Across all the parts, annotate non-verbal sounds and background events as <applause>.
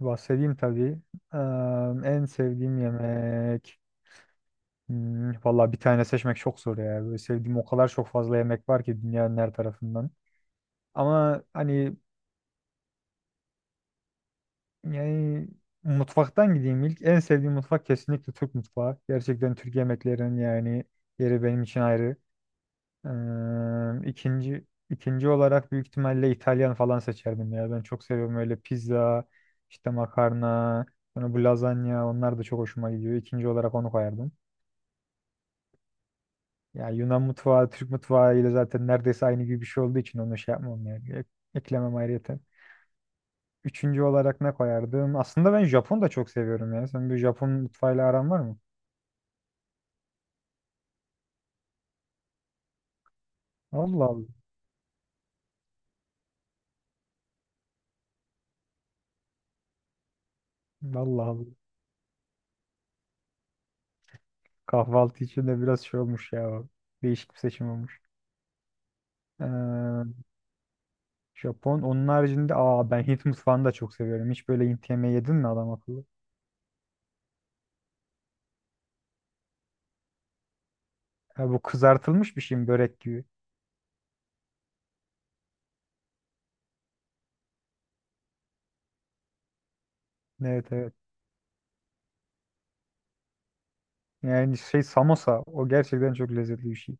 Bahsedeyim tabii. Eee, en sevdiğim yemek. Hmm, valla bir tane seçmek çok zor ya. Böyle sevdiğim o kadar çok fazla yemek var ki dünyanın her tarafından. Ama hani yani mutfaktan gideyim ilk. En sevdiğim mutfak kesinlikle Türk mutfağı. Gerçekten Türk yemeklerinin yani yeri benim için ayrı. İkinci ikinci olarak büyük ihtimalle İtalyan falan seçerdim ya. Ben çok seviyorum öyle pizza, işte makarna, sonra bu lazanya onlar da çok hoşuma gidiyor. İkinci olarak onu koyardım. Ya Yunan mutfağı Türk mutfağı ile zaten neredeyse aynı gibi bir şey olduğu için onu şey yapmam yani. Eklemem ayrıyeten. Üçüncü olarak ne koyardım? Aslında ben Japon da çok seviyorum ya. Sen bir Japon mutfağıyla aran var mı? Allah Allah. Allah Allah. Kahvaltı için de biraz şey olmuş ya. O. Değişik bir seçim olmuş. Ee, Japon. Onun haricinde aa ben Hint mutfağını da çok seviyorum. Hiç böyle Hint yemeği yedin mi adam akıllı? Ha, bu kızartılmış bir şey mi? Börek gibi. Evet, evet. Yani şey samosa. O gerçekten çok lezzetli bir şey.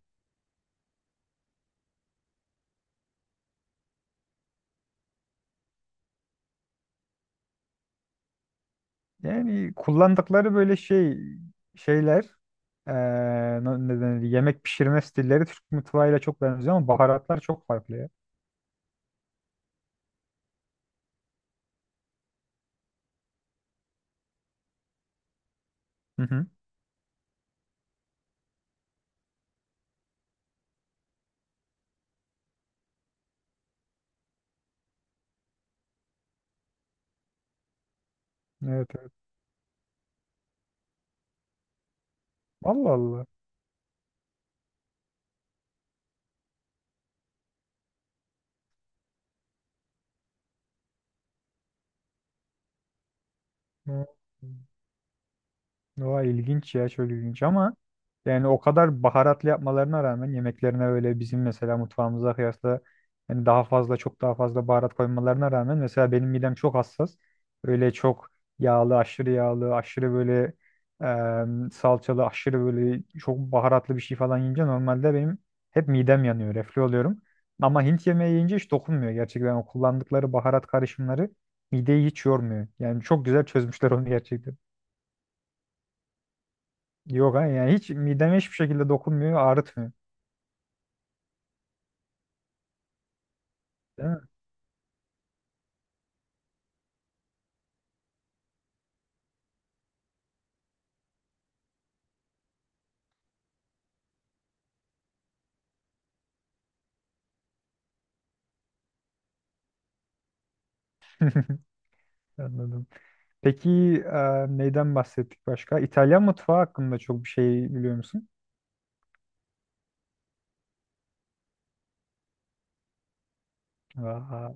Yani kullandıkları böyle şey şeyler eee, ne denir, yemek pişirme stilleri Türk mutfağıyla çok benziyor ama baharatlar çok farklı ya. Hı hı. Evet, evet. Allah Allah. Hı. Oha ilginç ya çok ilginç ama yani o kadar baharatlı yapmalarına rağmen yemeklerine öyle bizim mesela mutfağımıza kıyasla yani daha fazla çok daha fazla baharat koymalarına rağmen mesela benim midem çok hassas. Öyle çok yağlı, aşırı yağlı, aşırı böyle salçalı, aşırı böyle çok baharatlı bir şey falan yiyince normalde benim hep midem yanıyor, reflü oluyorum. Ama Hint yemeği yiyince hiç dokunmuyor gerçekten o kullandıkları baharat karışımları mideyi hiç yormuyor. Yani çok güzel çözmüşler onu gerçekten. Yok ha, yani hiç mideme hiçbir şekilde dokunmuyor, ağrıtmıyor. Değil mi? Anladım. Peki neyden bahsettik başka? İtalyan mutfağı hakkında çok bir şey biliyor musun? Aa,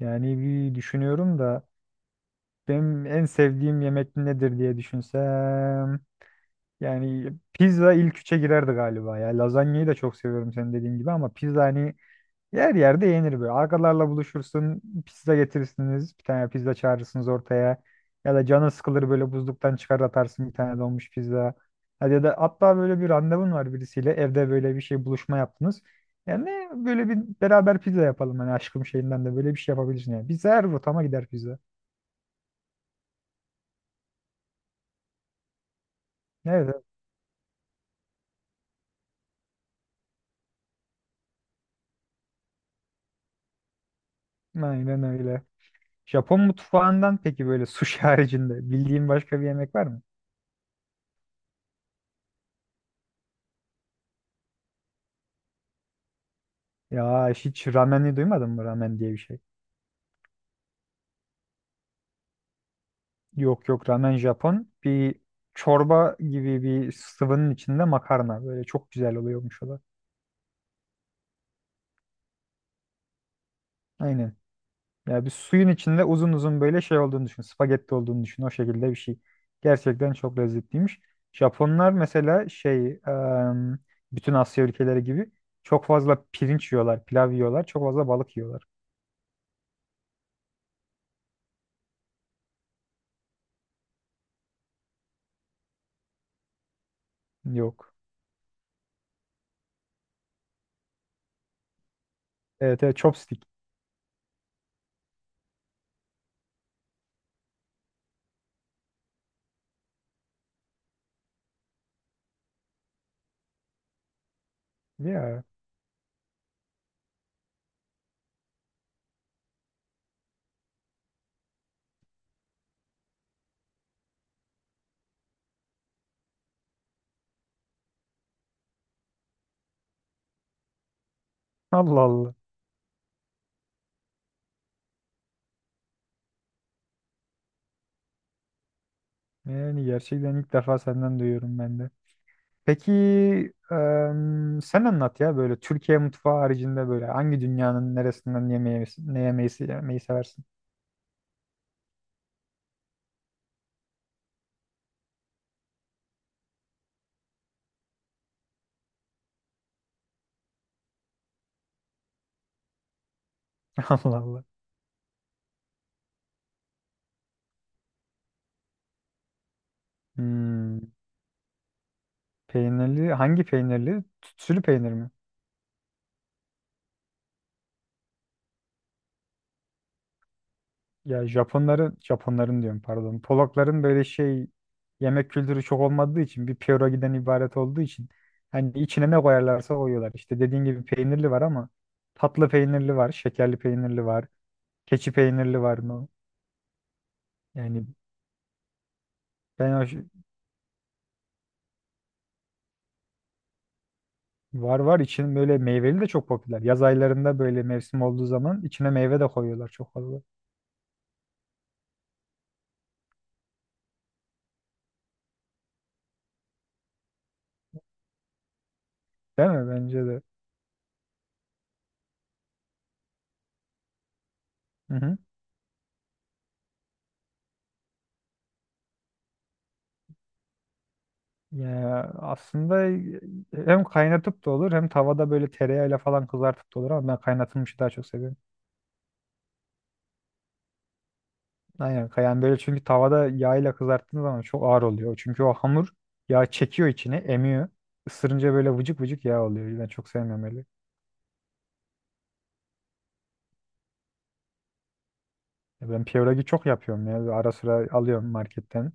yani bir düşünüyorum da benim en sevdiğim yemek nedir diye düşünsem. Yani pizza ilk üçe girerdi galiba ya. Lazanyayı da çok seviyorum senin dediğin gibi ama pizza hani yer yerde yenir böyle. Arkalarla buluşursun, pizza getirirsiniz, bir tane pizza çağırırsınız ortaya. Ya da canı sıkılır böyle buzluktan çıkar atarsın bir tane donmuş pizza. Hadi ya da hatta böyle bir randevun var birisiyle evde böyle bir şey buluşma yaptınız. Yani böyle bir beraber pizza yapalım hani aşkım şeyinden de böyle bir şey yapabilirsin yani. Pizza her rotama gider pizza. Evet, evet. Aynen öyle. Japon mutfağından peki böyle sushi haricinde bildiğin başka bir yemek var mı? Ya hiç ramen'i duymadın mı ramen diye bir şey? Yok yok, ramen Japon. Bir çorba gibi bir sıvının içinde makarna. Böyle çok güzel oluyormuş o da. Aynen. Ya bir suyun içinde uzun uzun böyle şey olduğunu düşün. Spagetti olduğunu düşün. O şekilde bir şey. Gerçekten çok lezzetliymiş. Japonlar mesela şey bütün Asya ülkeleri gibi çok fazla pirinç yiyorlar, pilav yiyorlar, çok fazla balık yiyorlar. Yok. Evet, evet, chopstick. Ya Allah Allah. Yani gerçekten ilk defa senden duyuyorum ben de. Peki sen anlat ya böyle Türkiye mutfağı haricinde böyle hangi dünyanın neresinden yemeği, ne yemeği, yemeği seversin? <laughs> Allah Allah. Hmm, peynirli hangi peynirli? Tütsülü peynir mi? Ya Japonların Japonların diyorum pardon. Polakların böyle şey yemek kültürü çok olmadığı için bir pierogi'den ibaret olduğu için hani içine ne koyarlarsa koyuyorlar. İşte dediğin gibi peynirli var ama tatlı peynirli var, şekerli peynirli var, keçi peynirli var mı? Yani ben o var var için böyle meyveli de çok popüler. Yaz aylarında böyle mevsim olduğu zaman içine meyve de koyuyorlar çok fazla. Değil mi? Bence de. Hı hı. Ya aslında hem kaynatıp da olur hem tavada böyle tereyağıyla falan kızartıp da olur ama ben kaynatılmışı daha çok seviyorum. Aynen yani böyle çünkü tavada yağıyla kızarttığın zaman çok ağır oluyor. Çünkü o hamur yağ çekiyor içine, emiyor. Isırınca böyle vıcık vıcık yağ oluyor. Ben çok sevmiyorum öyle. Ben piyoragi çok yapıyorum ya. Ara sıra alıyorum marketten.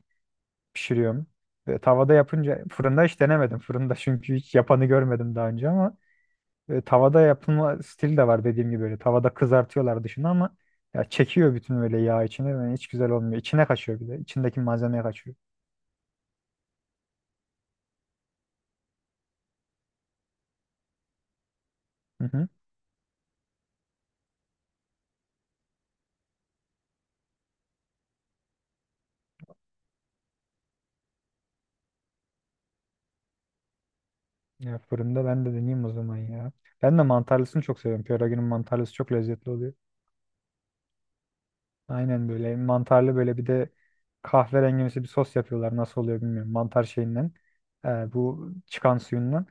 Pişiriyorum. Ve tavada yapınca fırında hiç denemedim. Fırında çünkü hiç yapanı görmedim daha önce ama tavada yapılma stil de var dediğim gibi böyle. Tavada kızartıyorlar dışını ama ya çekiyor bütün öyle yağ içine ve hiç güzel olmuyor. İçine kaçıyor bir de. İçindeki malzemeye kaçıyor. Hı hı. Ya fırında ben de deneyeyim o zaman ya. Ben de mantarlısını çok seviyorum. Pierogi'nin mantarlısı çok lezzetli oluyor. Aynen böyle mantarlı böyle bir de kahverengimsi bir sos yapıyorlar. Nasıl oluyor bilmiyorum. Mantar şeyinden. Bu çıkan suyundan.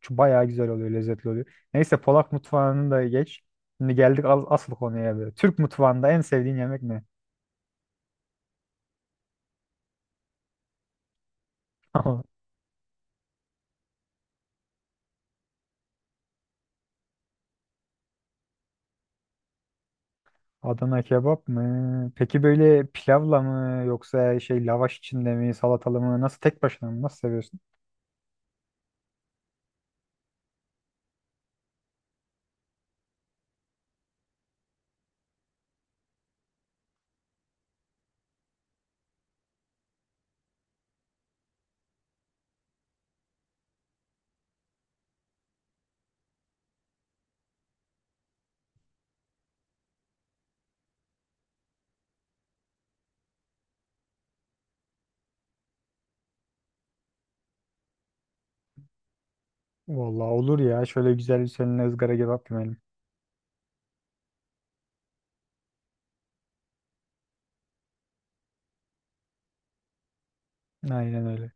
Şu bayağı güzel oluyor, lezzetli oluyor. Neyse Polak mutfağını da geç. Şimdi geldik asıl konuya böyle. Türk mutfağında en sevdiğin yemek ne? <laughs> Adana kebap mı? Peki böyle pilavla mı yoksa şey lavaş içinde mi, salatalı mı? Nasıl tek başına mı? Nasıl seviyorsun? Vallahi olur ya. Şöyle güzel bir seninle ızgara kebap gömelim. Aynen öyle.